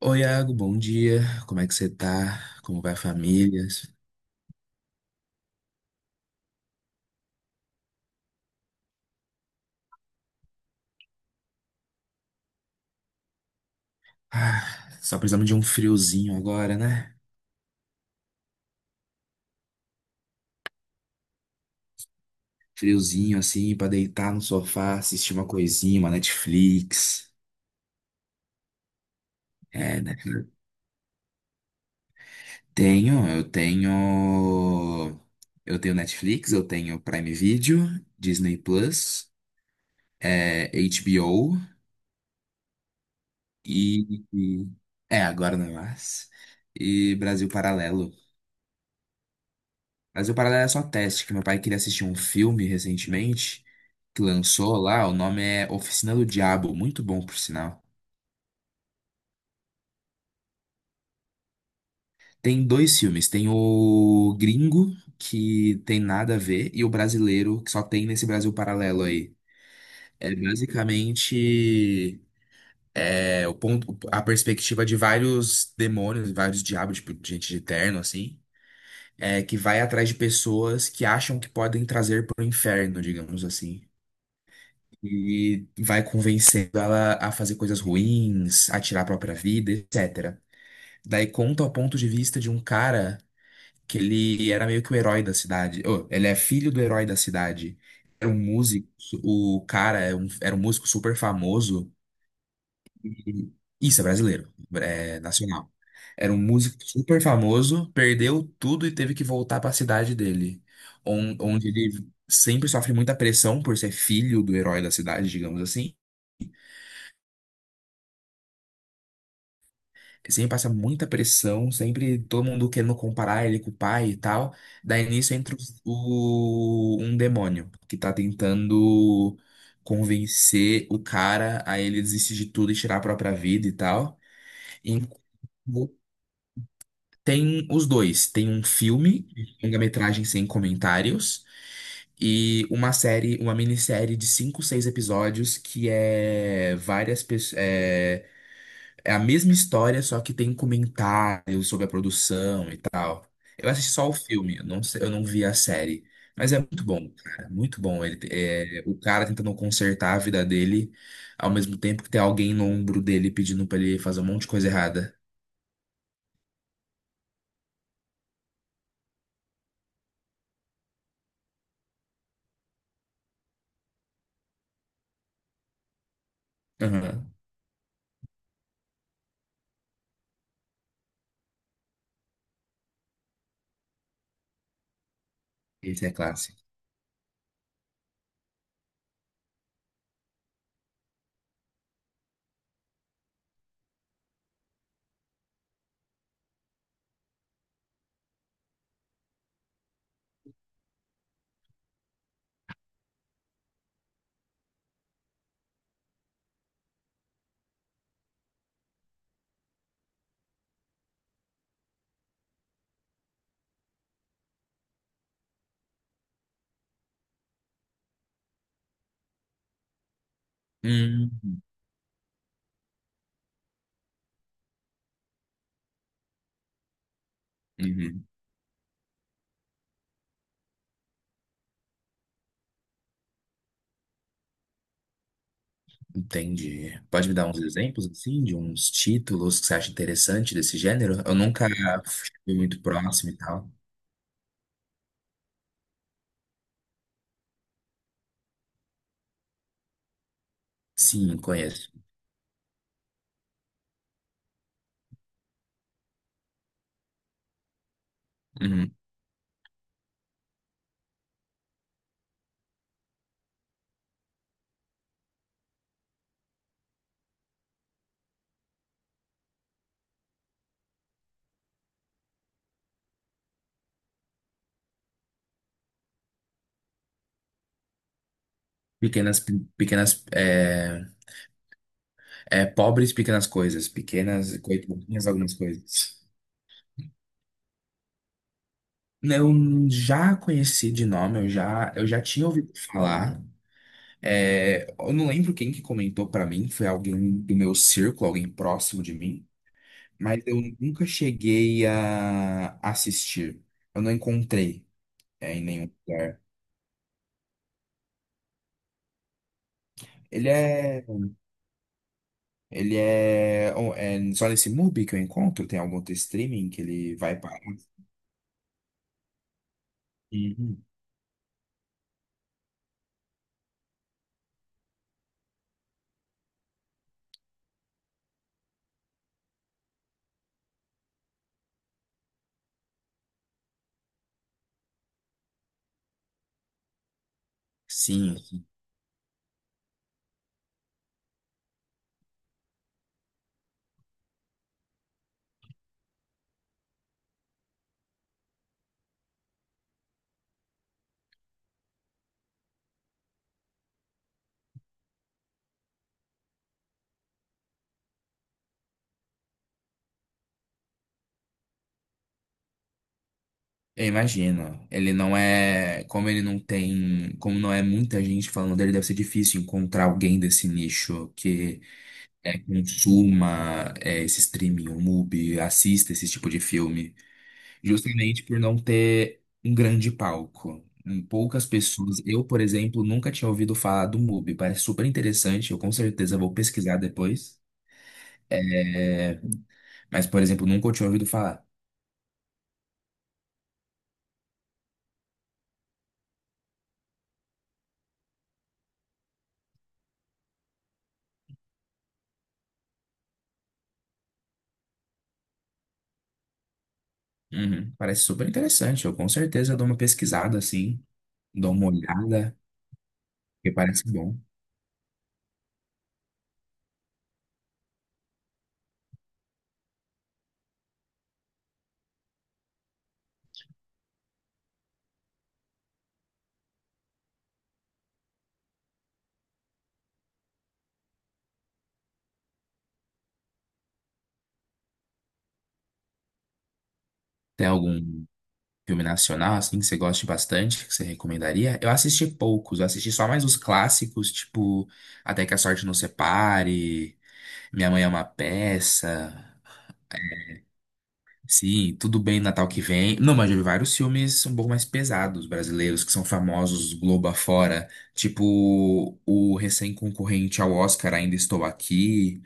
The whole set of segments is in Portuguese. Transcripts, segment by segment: Oi, Iago, bom dia. Como é que você tá? Como vai a família? Ah, só precisamos de um friozinho agora, né? Friozinho assim, pra deitar no sofá, assistir uma coisinha, uma Netflix. É, né? Tenho, eu tenho. Eu tenho Netflix, eu tenho Prime Video, Disney Plus, HBO e. e- É, agora não é mais. E Brasil Paralelo. Mas o paralelo é só teste, que meu pai queria assistir um filme recentemente que lançou lá, o nome é Oficina do Diabo, muito bom por sinal. Tem dois filmes, tem o gringo, que tem nada a ver, e o brasileiro, que só tem nesse Brasil Paralelo aí. É basicamente o ponto, a perspectiva de vários demônios, vários diabos, tipo, gente de terno, assim, que vai atrás de pessoas que acham que podem trazer para o inferno, digamos assim. E vai convencendo ela a fazer coisas ruins, a tirar a própria vida, etc. Daí conta o ponto de vista de um cara que ele era meio que o herói da cidade. Oh, ele é filho do herói da cidade. Era um músico, o cara era um músico super famoso. e- Isso, é brasileiro, é nacional. Era um músico super famoso, perdeu tudo e teve que voltar para a cidade dele, onde ele sempre sofre muita pressão por ser filho do herói da cidade, digamos assim. Sempre passa muita pressão, sempre todo mundo querendo comparar ele com o pai e tal. Daí nisso entra um demônio que tá tentando convencer o cara a ele desistir de tudo e tirar a própria vida e tal. E tem os dois, tem um filme, longa-metragem sem comentários, e uma série, uma minissérie de cinco, seis episódios que é várias pessoas. É a mesma história, só que tem comentários sobre a produção e tal. Eu assisti só o filme, eu não vi a série. Mas é muito bom, cara. Muito bom. O cara tentando consertar a vida dele, ao mesmo tempo que tem alguém no ombro dele pedindo pra ele fazer um monte de coisa errada. Aham. Esse é clássico. Hum, uhum, entendi. Pode me dar uns exemplos, assim, de uns títulos que você acha interessante desse gênero? Eu nunca fui muito próximo e tal. Sim, conheço. Uhum. Pequenas, pequenas, pobres pequenas coisas, pequenas coitadinhas algumas coisas. Eu já conheci de nome, eu já tinha ouvido falar. É, eu não lembro quem que comentou pra mim, foi alguém do meu círculo, alguém próximo de mim, mas eu nunca cheguei a assistir. Eu não encontrei, em nenhum lugar. Ele é, ele é, oh, é só nesse MUBI que eu encontro? Tem algum outro streaming que ele vai para? Sim, sim. Eu imagino. Ele não é. Como ele não tem. Como não é muita gente falando dele, deve ser difícil encontrar alguém desse nicho que consuma esse streaming, o MUBI, assista esse tipo de filme. Justamente por não ter um grande palco. Poucas pessoas. Eu, por exemplo, nunca tinha ouvido falar do MUBI. Parece super interessante. Eu com certeza vou pesquisar depois. É, mas, por exemplo, nunca eu tinha ouvido falar. Uhum, parece super interessante. Eu com certeza dou uma pesquisada assim. Dou uma olhada, que parece bom. Tem algum filme nacional, assim, que você goste bastante, que você recomendaria? Eu assisti poucos, eu assisti só mais os clássicos, tipo Até que a Sorte Nos Separe, Minha Mãe é uma Peça, sim, Tudo Bem Natal que Vem. Não, mas eu vi vários filmes um pouco mais pesados, brasileiros, que são famosos Globo afora, tipo o recém-concorrente ao Oscar Ainda Estou Aqui.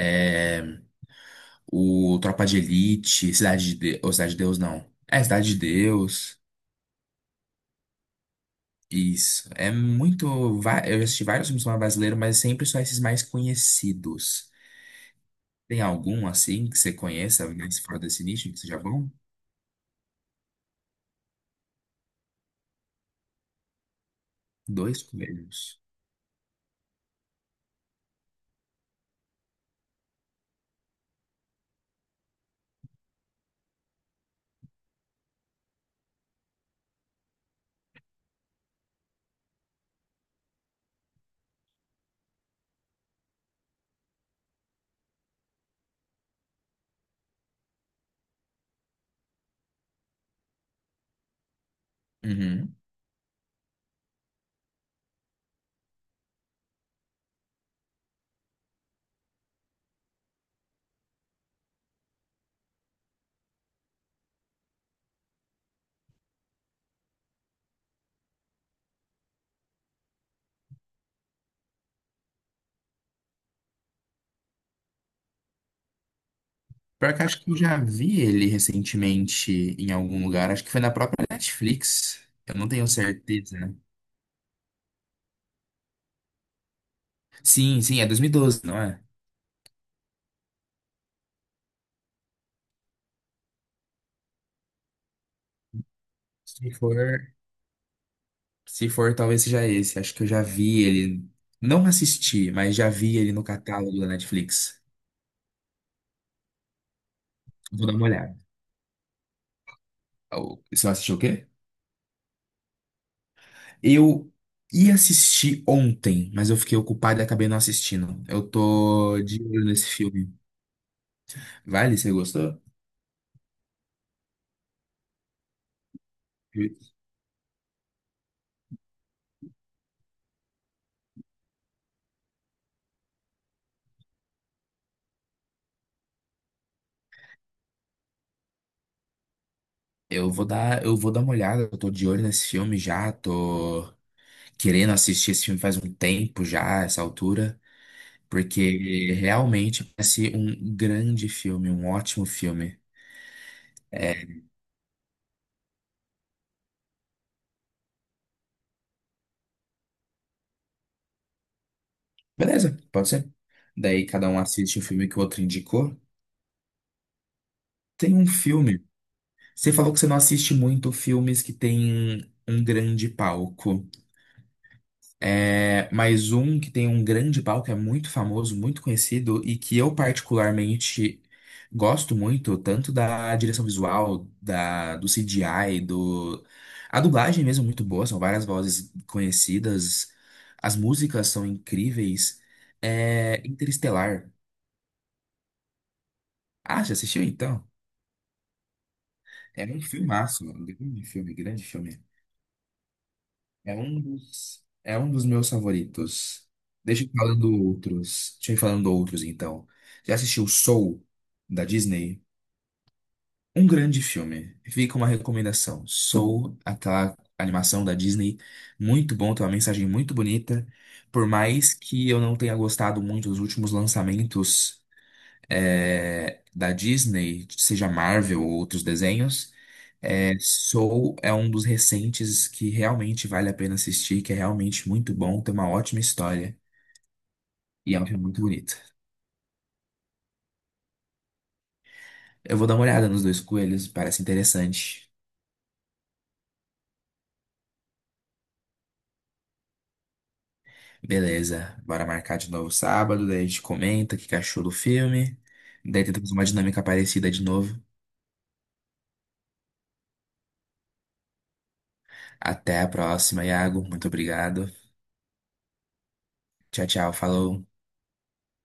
é, o Tropa de Elite, Cidade de Deus, ou Cidade de Deus não. É, Cidade de Deus. Isso. É muito. Eu já assisti vários filmes do cinema brasileiro, mas é sempre são esses mais conhecidos. Tem algum assim que você conheça, nesse fora desse nicho, que seja bom? Dois primeiros. Uhum. Pior que eu acho que eu já vi ele recentemente em algum lugar. Acho que foi na própria Netflix. Eu não tenho certeza. Sim, sim, é 2012, não é? Se for. Se for, talvez seja esse. Acho que eu já vi ele. Não assisti, mas já vi ele no catálogo da Netflix. Vou dar uma olhada. Você assistiu o quê? Eu ia assistir ontem, mas eu fiquei ocupado e acabei não assistindo. Eu tô de olho nesse filme. Vale, você gostou? Eu vou dar uma olhada. Eu tô de olho nesse filme já. Tô querendo assistir esse filme faz um tempo já, essa altura. Porque realmente parece um grande filme, um ótimo filme. Beleza, pode ser. Daí cada um assiste o filme que o outro indicou. Tem um filme. Você falou que você não assiste muito filmes que tem um grande palco. É, mas um que tem um grande palco é muito famoso, muito conhecido e que eu particularmente gosto muito, tanto da direção visual, da, do CGI, do... A dublagem mesmo é muito boa, são várias vozes conhecidas, as músicas são incríveis. É Interestelar. Ah, já assistiu então? É um filmaço, mano. Grande filme, grande filme. É um dos meus favoritos. Deixa eu ir falando outros. Deixa eu ir falando outros, então. Já assistiu Soul, da Disney? Um grande filme. Fica uma recomendação. Soul, aquela animação da Disney, muito bom, tem uma mensagem muito bonita. Por mais que eu não tenha gostado muito dos últimos lançamentos, da Disney, seja Marvel ou outros desenhos. É, Soul é um dos recentes que realmente vale a pena assistir, que é realmente muito bom, tem uma ótima história e é um filme muito bonito. Eu vou dar uma olhada nos Dois Coelhos, parece interessante. Beleza, bora marcar de novo sábado, daí a gente comenta o que que achou do filme, daí tentamos uma dinâmica parecida de novo. Até a próxima, Iago, muito obrigado. Tchau, tchau, falou.